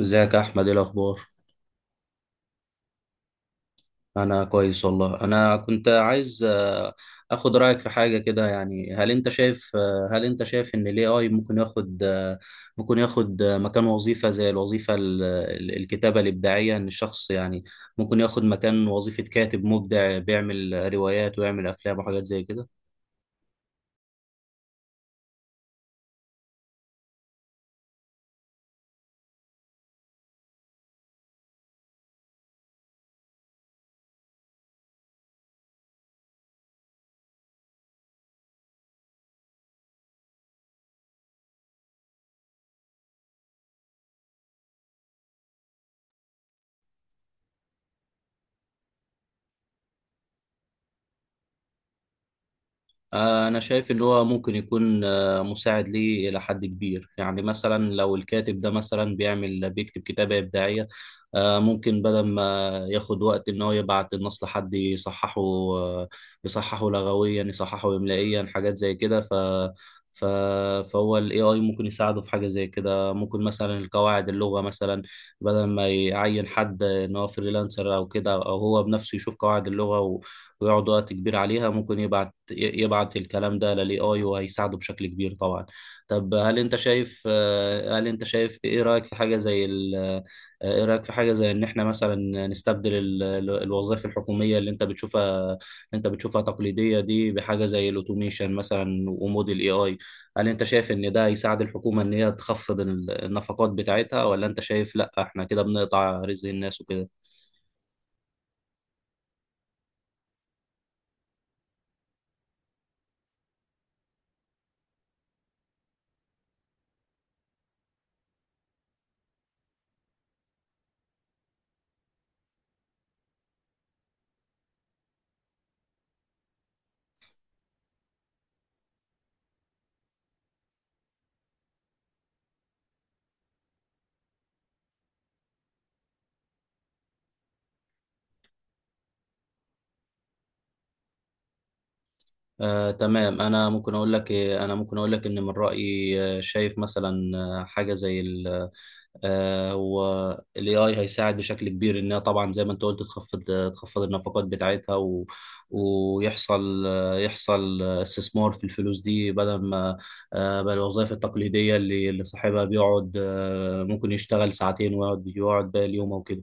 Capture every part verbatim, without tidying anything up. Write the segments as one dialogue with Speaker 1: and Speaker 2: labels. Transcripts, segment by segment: Speaker 1: ازيك يا احمد، ايه الاخبار؟ انا كويس والله. انا كنت عايز آه، اخد رايك في حاجه كده. يعني هل انت شايف آه، هل انت شايف ان الاي اي ممكن ياخد آه، ممكن ياخد آه، مكان وظيفه، زي الوظيفه ال- ال- الكتابه الابداعيه. ان الشخص يعني ممكن ياخد مكان وظيفه كاتب مبدع، بيعمل روايات ويعمل افلام وحاجات زي كده. آه، أنا شايف إن هو ممكن يكون آه، مساعد ليه إلى حد كبير. يعني مثلا لو الكاتب ده مثلا بيعمل بيكتب كتابة إبداعية، آه، ممكن بدل ما ياخد وقت إن هو يبعت النص لحد يصححه، آه، يصححه لغويا، يصححه إملائيا، حاجات زي كده. ف ف فهو ال إيه آي ممكن يساعده في حاجة زي كده. ممكن مثلا القواعد اللغة مثلا، بدل ما يعين حد إن هو فريلانسر أو كده، أو هو بنفسه يشوف قواعد اللغة ويقعد وقت كبير عليها، ممكن يبعت يبعت الكلام ده للاي اي، وهيساعده بشكل كبير طبعا. طب هل انت شايف آه، هل انت شايف، ايه رايك في حاجه زي ال- آه، ايه رايك في حاجه زي ان احنا مثلا نستبدل ال- ال- الوظائف الحكوميه اللي انت بتشوفها، اللي انت بتشوفها تقليديه دي، بحاجه زي الاوتوميشن مثلا وموديل اي اي. هل انت شايف ان ده هيساعد الحكومه ان هي تخفض ال- النفقات بتاعتها، ولا انت شايف لا احنا كده بنقطع رزق الناس وكده؟ آه، تمام. انا ممكن اقول لك إيه، انا ممكن اقول لك ان من رايي آه، شايف مثلا آه، حاجه زي ال آه، والاي اي هيساعد بشكل كبير. انها طبعا زي ما انت قلت تخفض تخفض النفقات بتاعتها و... ويحصل آه، يحصل آه، استثمار في الفلوس دي، بدل ما آه، بقى الوظائف التقليديه اللي اللي صاحبها بيقعد آه، ممكن يشتغل ساعتين ويقعد يقعد باقي اليوم او كده.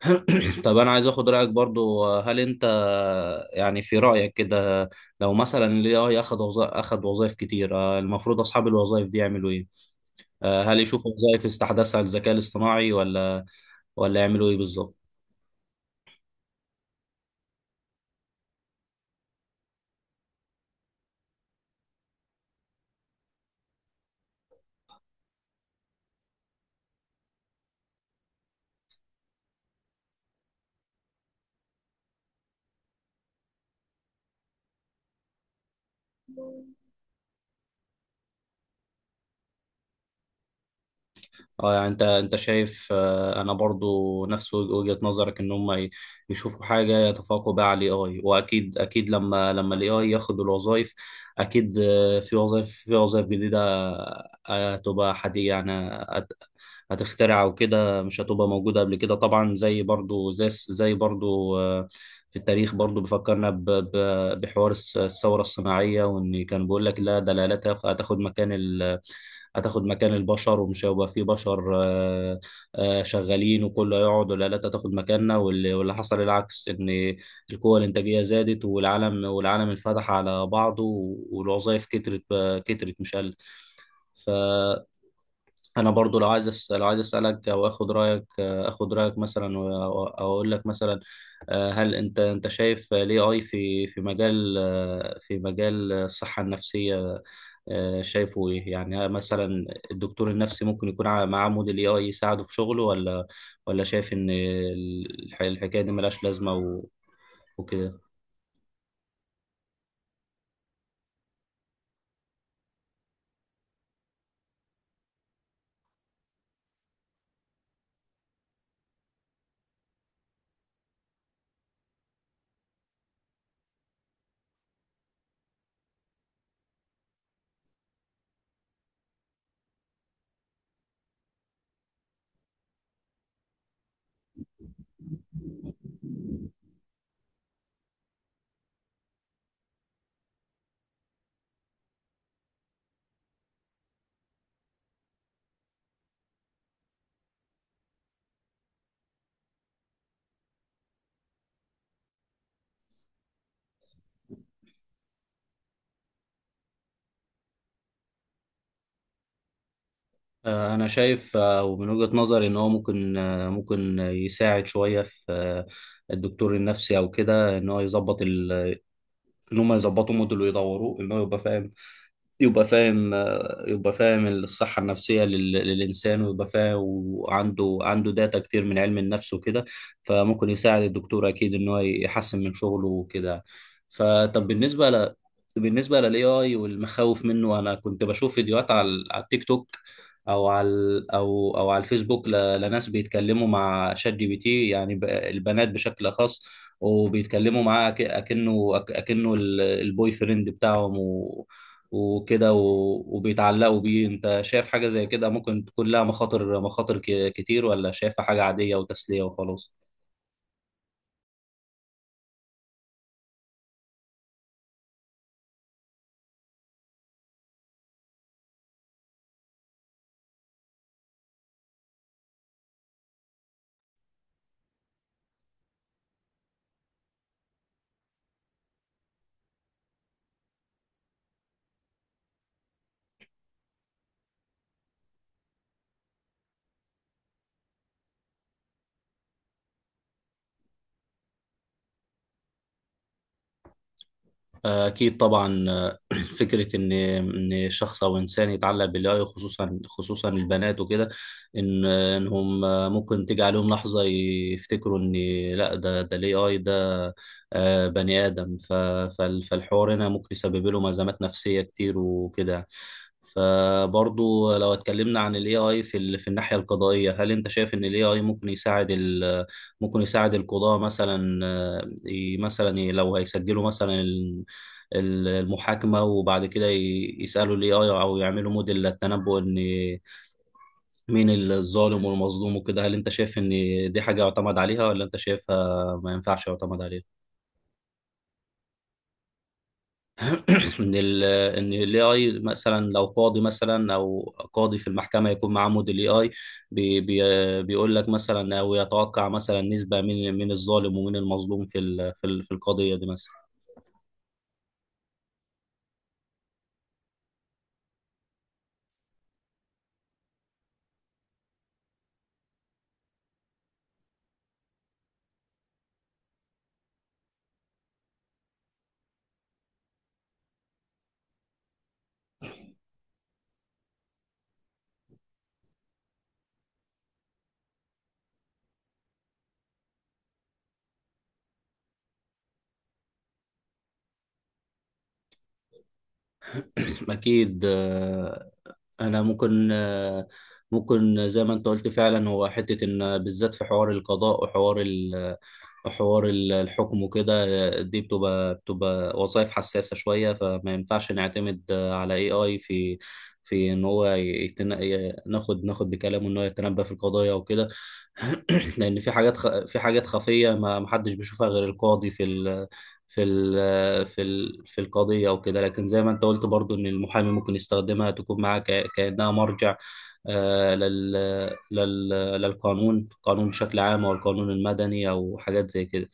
Speaker 1: طب انا عايز اخد رايك برضو. آه، هل انت آه، يعني في رايك كده، لو مثلا الاي اي اخذ وظائف، اخذ وظائف كتير، آه، المفروض اصحاب الوظائف دي يعملوا ايه؟ آه، هل يشوفوا وظائف يستحدثها الذكاء الاصطناعي، ولا ولا يعملوا ايه بالظبط؟ اه. يعني انت انت شايف، آه، انا برضو نفس وج- وجهة نظرك ان هم ي- يشوفوا حاجة يتفوقوا بيها على الاي اي. واكيد اكيد لما لما الاي اي ياخد الوظائف، اكيد آه، في وظائف، في وظائف جديدة، آه، هتبقى حديثة يعني. هت- هتخترع وكده، مش هتبقى موجودة قبل كده طبعا. زي برضو زي الس- زي برضو آه، في التاريخ، برضو بيفكرنا ب- ب- بحوار الس- الثورة الصناعية. وان كان بيقول لك لا، ده الآلات هتاخد مكان، هتاخد مكان البشر، ومش هيبقى فيه بشر آه، آه، شغالين، وكله هيقعد، والآلات هتاخد مكاننا. واللي واللي حصل العكس، إن القوة الإنتاجية زادت، والعالم والعالم انفتح على بعضه، والوظائف كترت آه، كترت مش قلت. ف... انا برضو لو عايز أس... لو عايز اسالك او اخد رايك، آه، اخد رايك مثلا و- او أو اقول لك مثلا، آه، هل انت انت شايف الاي اي في في مجال آه، في مجال الصحه النفسيه، آه، شايفه ايه يعني؟ مثلا الدكتور النفسي ممكن يكون ع- معاه موديل اي اي يساعده في شغله، ولا ولا شايف ان ال- الح- الحكايه دي ملهاش لازمه و... وكده؟ آه، أنا شايف آه، ومن وجهة نظري إن هو ممكن آه، ممكن يساعد شوية في آه، الدكتور النفسي أو كده. إن هو يظبط ال... إن هم يظبطوا موديل ويدوروه إن هو يبقى فاهم، يبقى فاهم يبقى فاهم الصحة النفسية لل- للإنسان، ويبقى فاهم، وعنده عنده داتا كتير من علم النفس وكده. فممكن يساعد الدكتور أكيد إن هو يحسن من شغله وكده. فطب بالنسبة ل بالنسبة للاي اي والمخاوف منه، انا كنت بشوف فيديوهات على على التيك توك، او على او او على الفيسبوك، ل- لناس بيتكلموا مع شات جي بي تي، يعني ب- البنات بشكل خاص، وبيتكلموا معاه أك- اكنه أك- اكنه ال- البوي فريند بتاعهم وكده، و- وبيتعلقوا بيه. انت شايف حاجة زي كده ممكن تكون لها مخاطر، مخاطر ك- كتير، ولا شايفها حاجة عادية وتسلية وخلاص؟ أكيد طبعا. آه، فكرة إن إن شخص أو إنسان يتعلق بالآي، خصوصا خصوصا البنات وكده، إن إنهم ممكن تيجي عليهم لحظة يفتكروا إن لا، ده ده ال إيه آي ده آه، بني آدم. ف- فال- فالحوار هنا ممكن يسبب لهم أزمات نفسية كتير وكده يعني. فبرضو لو اتكلمنا عن ال إيه آي في ال- في الناحية القضائية، هل أنت شايف إن ال إيه آي ممكن يساعد ال ممكن يساعد القضاة مثلا؟ آه، ي- مثلا ي- لو هيسجلوا مثلا ال- المحاكمة، وبعد كده ي- يسألوا الاي اي او يعملوا موديل للتنبؤ ان مين الظالم والمظلوم وكده. هل انت شايف ان دي حاجة يعتمد عليها، ولا انت شايفها ما ينفعش يعتمد عليها؟ ان ال ان الاي اي مثلا، لو قاضي مثلا، او قاضي في المحكمة يكون معاه موديل اي اي، بي بي بيقول لك مثلا، او يتوقع مثلا نسبة مين مين الظالم ومين المظلوم في ال- في ال- في القضية دي مثلا. اكيد. انا ممكن آه، ممكن زي ما انت قلت فعلا. هو حته ان بالذات في حوار القضاء وحوار ال حوار ال- الحكم وكده، آه، دي بتبقى بتبقى وظائف حساسه شويه، فما ينفعش نعتمد آه، على اي اي في في ان هو يتن... ي- ناخد ناخد بكلامه، ان هو يتنبأ في القضايا وكده. لان في حاجات خ... في حاجات خفيه، ما ما حدش بيشوفها غير القاضي في ال... في ال... في ال... في القضيه وكده. لكن زي ما انت قلت برضو ان المحامي ممكن يستخدمها، تكون معاه ك... كانها مرجع آه لل... لل... للقانون، قانون بشكل عام، او القانون المدني، او حاجات زي كده.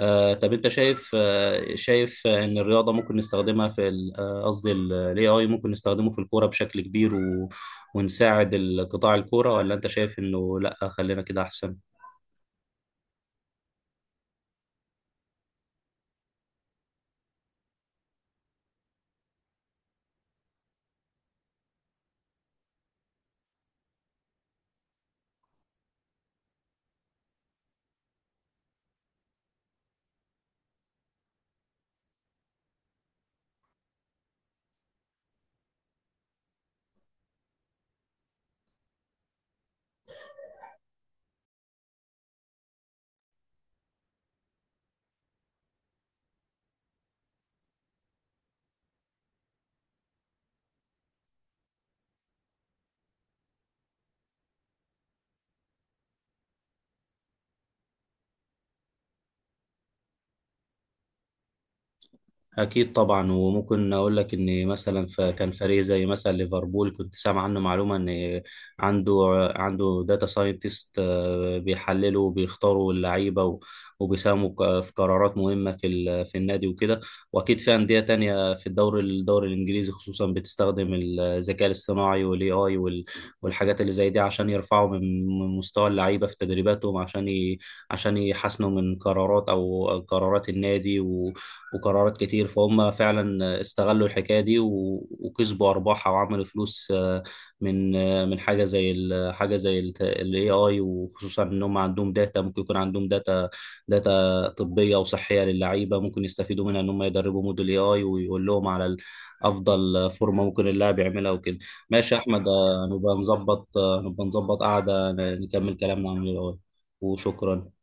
Speaker 1: آه طب انت شايف آه شايف ان الرياضه ممكن نستخدمها في ال- آه، قصدي الاي اي ممكن نستخدمه في الكوره بشكل كبير و... ونساعد القطاع الكورة، ولا انت شايف انه لا خلينا كده احسن؟ أكيد طبعا. وممكن أقول لك إن مثلا ف- كان فريق زي مثلا ليفربول كنت سامع عنه معلومة إن عنده، عنده داتا ساينتست بيحللوا وبيختاروا اللعيبة، و- وبيساهموا ك- في قرارات مهمة في ال- في النادي وكده. وأكيد في أندية تانية في الدوري، الدوري الإنجليزي خصوصا، بتستخدم الذكاء الاصطناعي والاي آي والحاجات اللي زي دي، عشان يرفعوا من من مستوى اللعيبة في تدريباتهم، عشان ي- عشان يحسنوا من قرارات، أو قرارات النادي و وقرارات كتير. فهم فعلا استغلوا الحكاية دي و- وكسبوا أرباحها وعملوا فلوس، آه، من آه، من حاجة زي ال- حاجة زي ال إيه آي. وخصوصا إن هم عندهم داتا، ممكن يكون عندهم داتا، داتا طبية وصحية للعيبة، ممكن يستفيدوا منها إن هم يدربوا موديل إيه آي ويقول لهم على ال- أفضل فورمة ممكن اللاعب يعملها وكده. ماشي يا أحمد. آه، نبقى نظبط، آه، نبقى نظبط قعدة نكمل كلامنا عن ال إيه آي وشكرا.